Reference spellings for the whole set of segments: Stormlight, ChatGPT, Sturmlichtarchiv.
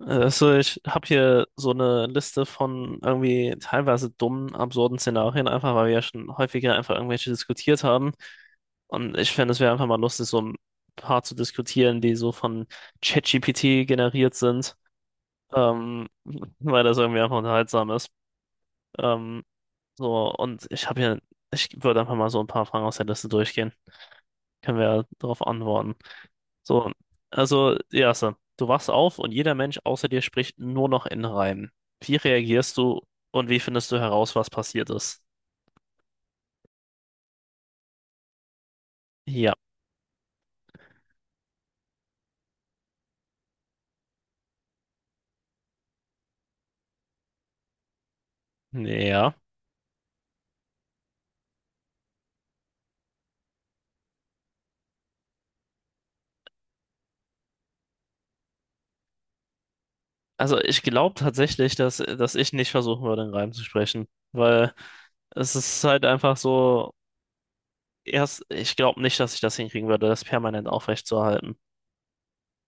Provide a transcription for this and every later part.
Also ich habe hier so eine Liste von irgendwie teilweise dummen, absurden Szenarien, einfach weil wir ja schon häufiger einfach irgendwelche diskutiert haben. Und ich fände, es wäre einfach mal lustig, so ein paar zu diskutieren, die so von ChatGPT generiert sind, ähm, weil das irgendwie einfach unterhaltsam ist. Ähm, so, und ich würde einfach mal so ein paar Fragen aus der Liste durchgehen. Können wir darauf antworten. So, also, ja, so. Du wachst auf und jeder Mensch außer dir spricht nur noch in Reimen. Wie reagierst du und wie findest du heraus, was passiert ist? Ja, ja. Also ich glaube tatsächlich, dass ich nicht versuchen würde, in Reimen zu sprechen, weil es ist halt einfach so, ich glaube nicht, dass ich das hinkriegen würde, das permanent aufrechtzuerhalten.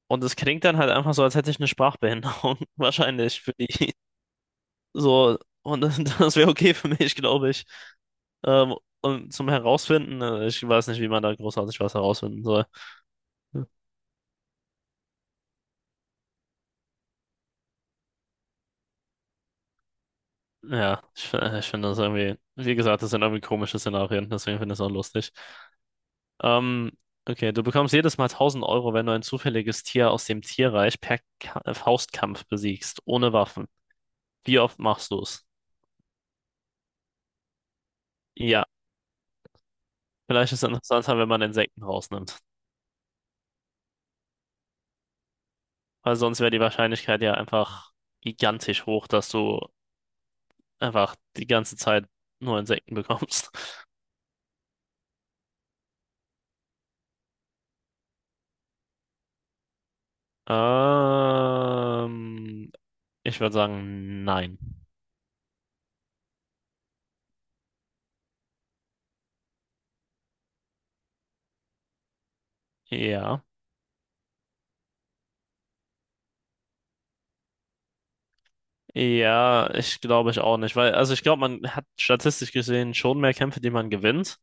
Und es klingt dann halt einfach so, als hätte ich eine Sprachbehinderung, wahrscheinlich für die. So, und das, das wäre okay für mich, glaube ich. Ähm, und zum Herausfinden, ich weiß nicht, wie man da großartig was herausfinden soll. Ja, ich finde das irgendwie, wie gesagt, das sind irgendwie komische Szenarien, deswegen finde ich es auch lustig. Ähm, okay, du bekommst jedes Mal 1000 Euro, wenn du ein zufälliges Tier aus dem Tierreich per Ka Faustkampf besiegst, ohne Waffen. Wie oft machst du es? Ja, vielleicht ist es interessanter, wenn man Insekten rausnimmt, weil sonst wäre die Wahrscheinlichkeit ja einfach gigantisch hoch, dass du einfach die ganze Zeit nur Insekten bekommst. Ähm, ich würde sagen, nein. Ja. Ja, ich glaube ich auch nicht, weil, also ich glaube, man hat statistisch gesehen schon mehr Kämpfe, die man gewinnt,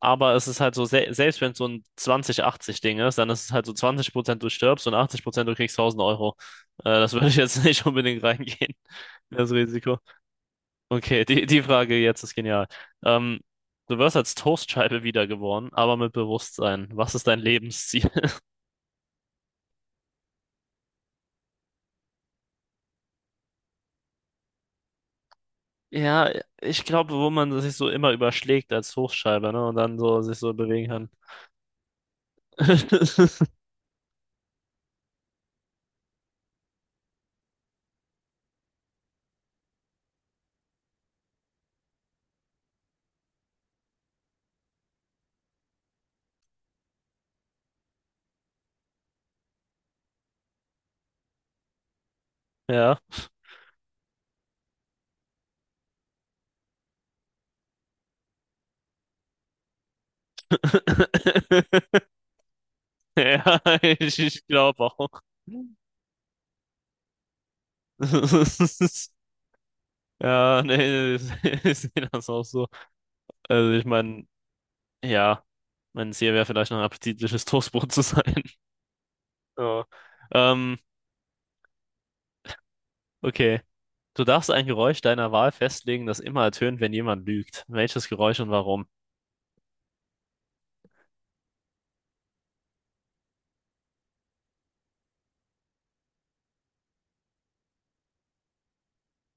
aber es ist halt so, se selbst wenn es so ein 20-80-Ding ist, dann ist es halt so 20% du stirbst und 80% du kriegst 1000 Euro. Das würde ich jetzt nicht unbedingt reingehen, das Risiko. Okay, die Frage jetzt ist genial. Ähm, du wirst als Toastscheibe wiedergeboren, aber mit Bewusstsein. Was ist dein Lebensziel? Ja, ich glaube, wo man sich so immer überschlägt als Toastscheibe, ne? Und dann so sich so bewegen kann. Ja. Ja, ich glaube auch. Ja, nee, ich ich sehe das auch so. Also ich meine, ja, mein Ziel wäre vielleicht noch ein appetitliches Toastbrot zu sein. Ja. Ähm, okay. Du darfst ein Geräusch deiner Wahl festlegen, das immer ertönt, wenn jemand lügt. Welches Geräusch und warum?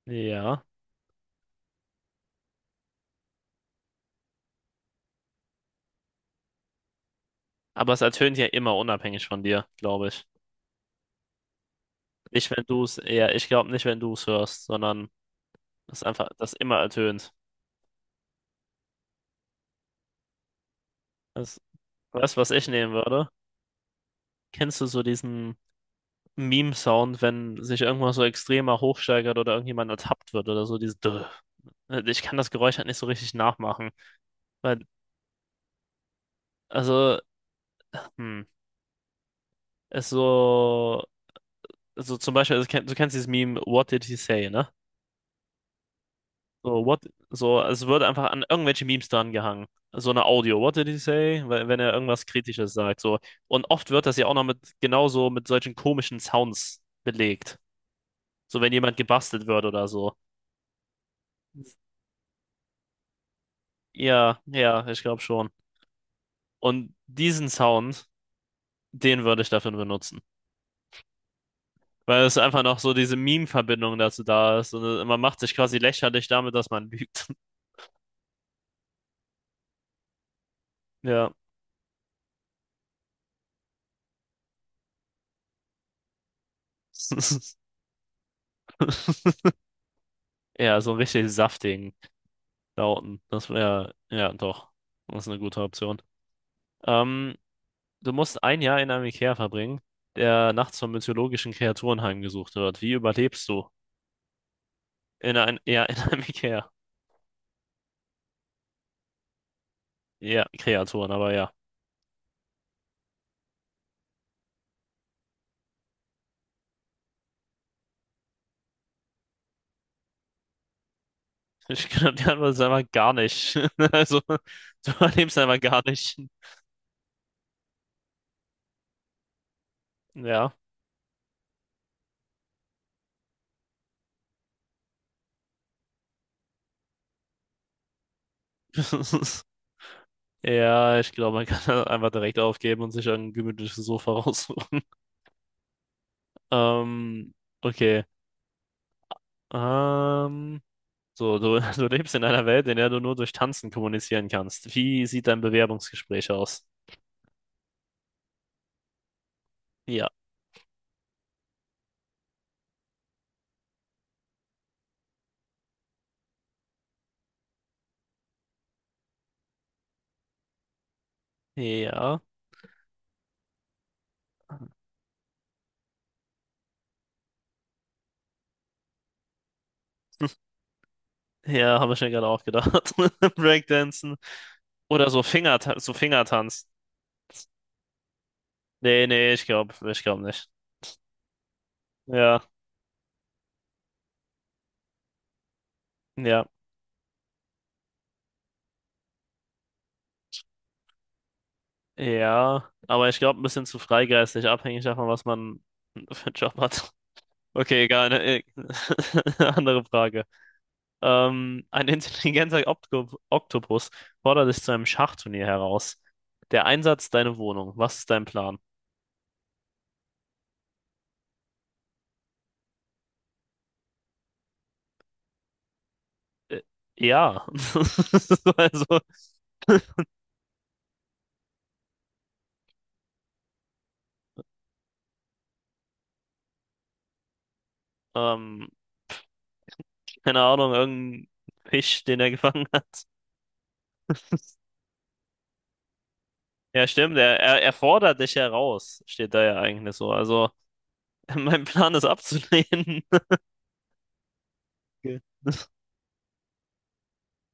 Ja. Aber es ertönt ja immer unabhängig von dir, glaube ich. Nicht, wenn du es, ja, ich glaube nicht, wenn du es hörst, sondern es ist einfach, das immer ertönt. Das, weißt du, was ich nehmen würde? Kennst du so diesen Meme-Sound, wenn sich irgendwas so extremer hochsteigert oder irgendjemand ertappt wird oder so, dieses Drrr. Ich kann das Geräusch halt nicht so richtig nachmachen. Weil, also, hm, ist so. So zum Beispiel, also, du kennst dieses Meme, what did he say, ne? So, so, es wird einfach an irgendwelche Memes dran gehangen. So eine Audio, what did he say? Weil, wenn er irgendwas Kritisches sagt, so. Und oft wird das ja auch noch genauso mit solchen komischen Sounds belegt. So, wenn jemand gebastelt wird oder so. Ja, ja, ich glaube schon. Und diesen Sound, den würde ich dafür benutzen. Weil es einfach noch so diese Meme-Verbindung dazu da ist. Und man macht sich quasi lächerlich damit, dass man lügt. Ja. Ja, so einen richtig saftigen Lauten. Das wäre, ja, doch. Das ist eine gute Option. Ähm, du musst ein Jahr in einem Ikea verbringen, der nachts von mythologischen Kreaturen heimgesucht wird. Wie überlebst du? In ein, ja, in einem Ikea. Ja, Kreaturen, aber ja. Ich glaube, die Antwort ist einfach gar nicht. Also, du überlebst einfach gar nicht. Ja. Ja, ich glaube, man kann das einfach direkt aufgeben und sich ein gemütliches Sofa raussuchen. Ähm, okay. Ähm. So, du, du lebst in einer Welt, in der du nur durch Tanzen kommunizieren kannst. Wie sieht dein Bewerbungsgespräch aus? Ja, ja, ja, habe ich mir gerade auch gedacht. Breakdancen oder so so Fingertanz. Nee, nee, ich glaube nicht. Ja, ja, ja, aber ich glaube, ein bisschen zu freigeistig, abhängig davon, was man für einen Job hat. Okay, egal, ne? Andere Frage. Ein intelligenter Oktopus fordert dich zu einem Schachturnier heraus. Der Einsatz deine Wohnung. Was ist dein Plan? Äh, ja. Also, ähm, keine Ahnung, irgendein Fisch, den er gefangen hat. Ja, stimmt, er fordert dich heraus, steht da ja eigentlich so. Also, mein Plan ist abzulehnen. Okay,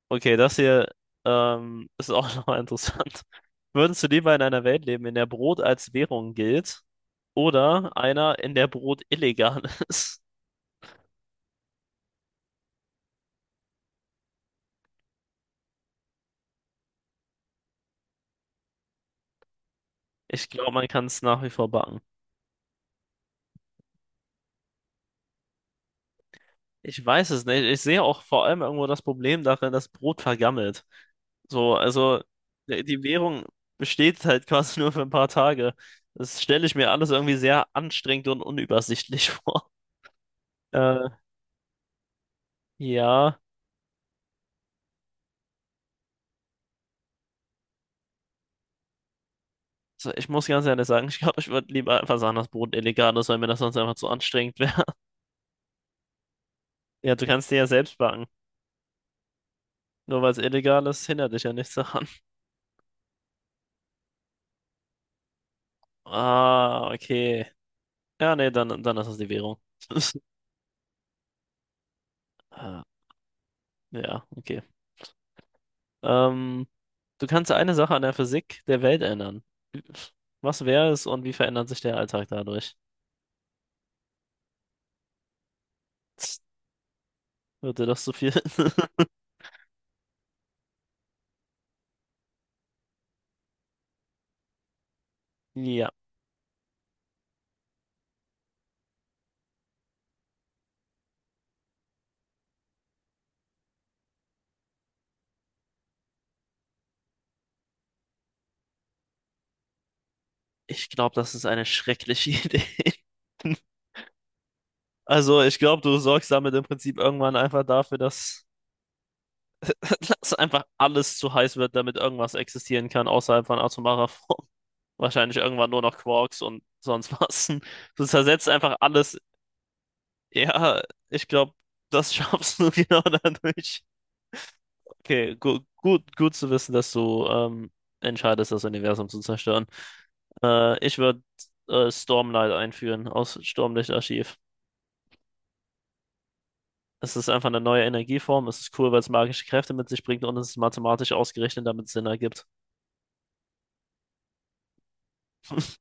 Okay, das hier ist auch nochmal interessant. Würdest du lieber in einer Welt leben, in der Brot als Währung gilt? Oder einer, in der Brot illegal ist. Ich glaube, man kann es nach wie vor backen. Ich weiß es nicht. Ich sehe auch vor allem irgendwo das Problem darin, dass Brot vergammelt. So, also die Währung besteht halt quasi nur für ein paar Tage. Das stelle ich mir alles irgendwie sehr anstrengend und unübersichtlich vor. Äh, ja, so, ich muss ganz ehrlich sagen, ich glaube, ich würde lieber einfach sagen, dass Brot illegal ist, weil mir das sonst einfach zu anstrengend wäre. Ja, du kannst dir ja selbst backen. Nur weil es illegal ist, hindert dich ja nichts daran. Ah, okay. Ja, nee, dann ist es die Währung. Ah, ja, okay. Ähm, du kannst eine Sache an der Physik der Welt ändern. Was wäre es und wie verändert sich der Alltag dadurch? Wird dir das zu viel? Ja, ich glaube, das ist eine schreckliche Idee. Also, ich glaube, du sorgst damit im Prinzip irgendwann einfach dafür, dass, dass einfach alles zu heiß wird, damit irgendwas existieren kann außerhalb von atomarer Form. Wahrscheinlich irgendwann nur noch Quarks und sonst was. Du zersetzt einfach alles. Ja, ich glaube, das schaffst du genau dadurch. Okay, gut zu wissen, dass du entscheidest, das Universum zu zerstören. Ich würde Stormlight einführen aus Sturmlichtarchiv. Es ist einfach eine neue Energieform. Es ist cool, weil es magische Kräfte mit sich bringt und es ist mathematisch ausgerechnet, damit es Sinn ergibt.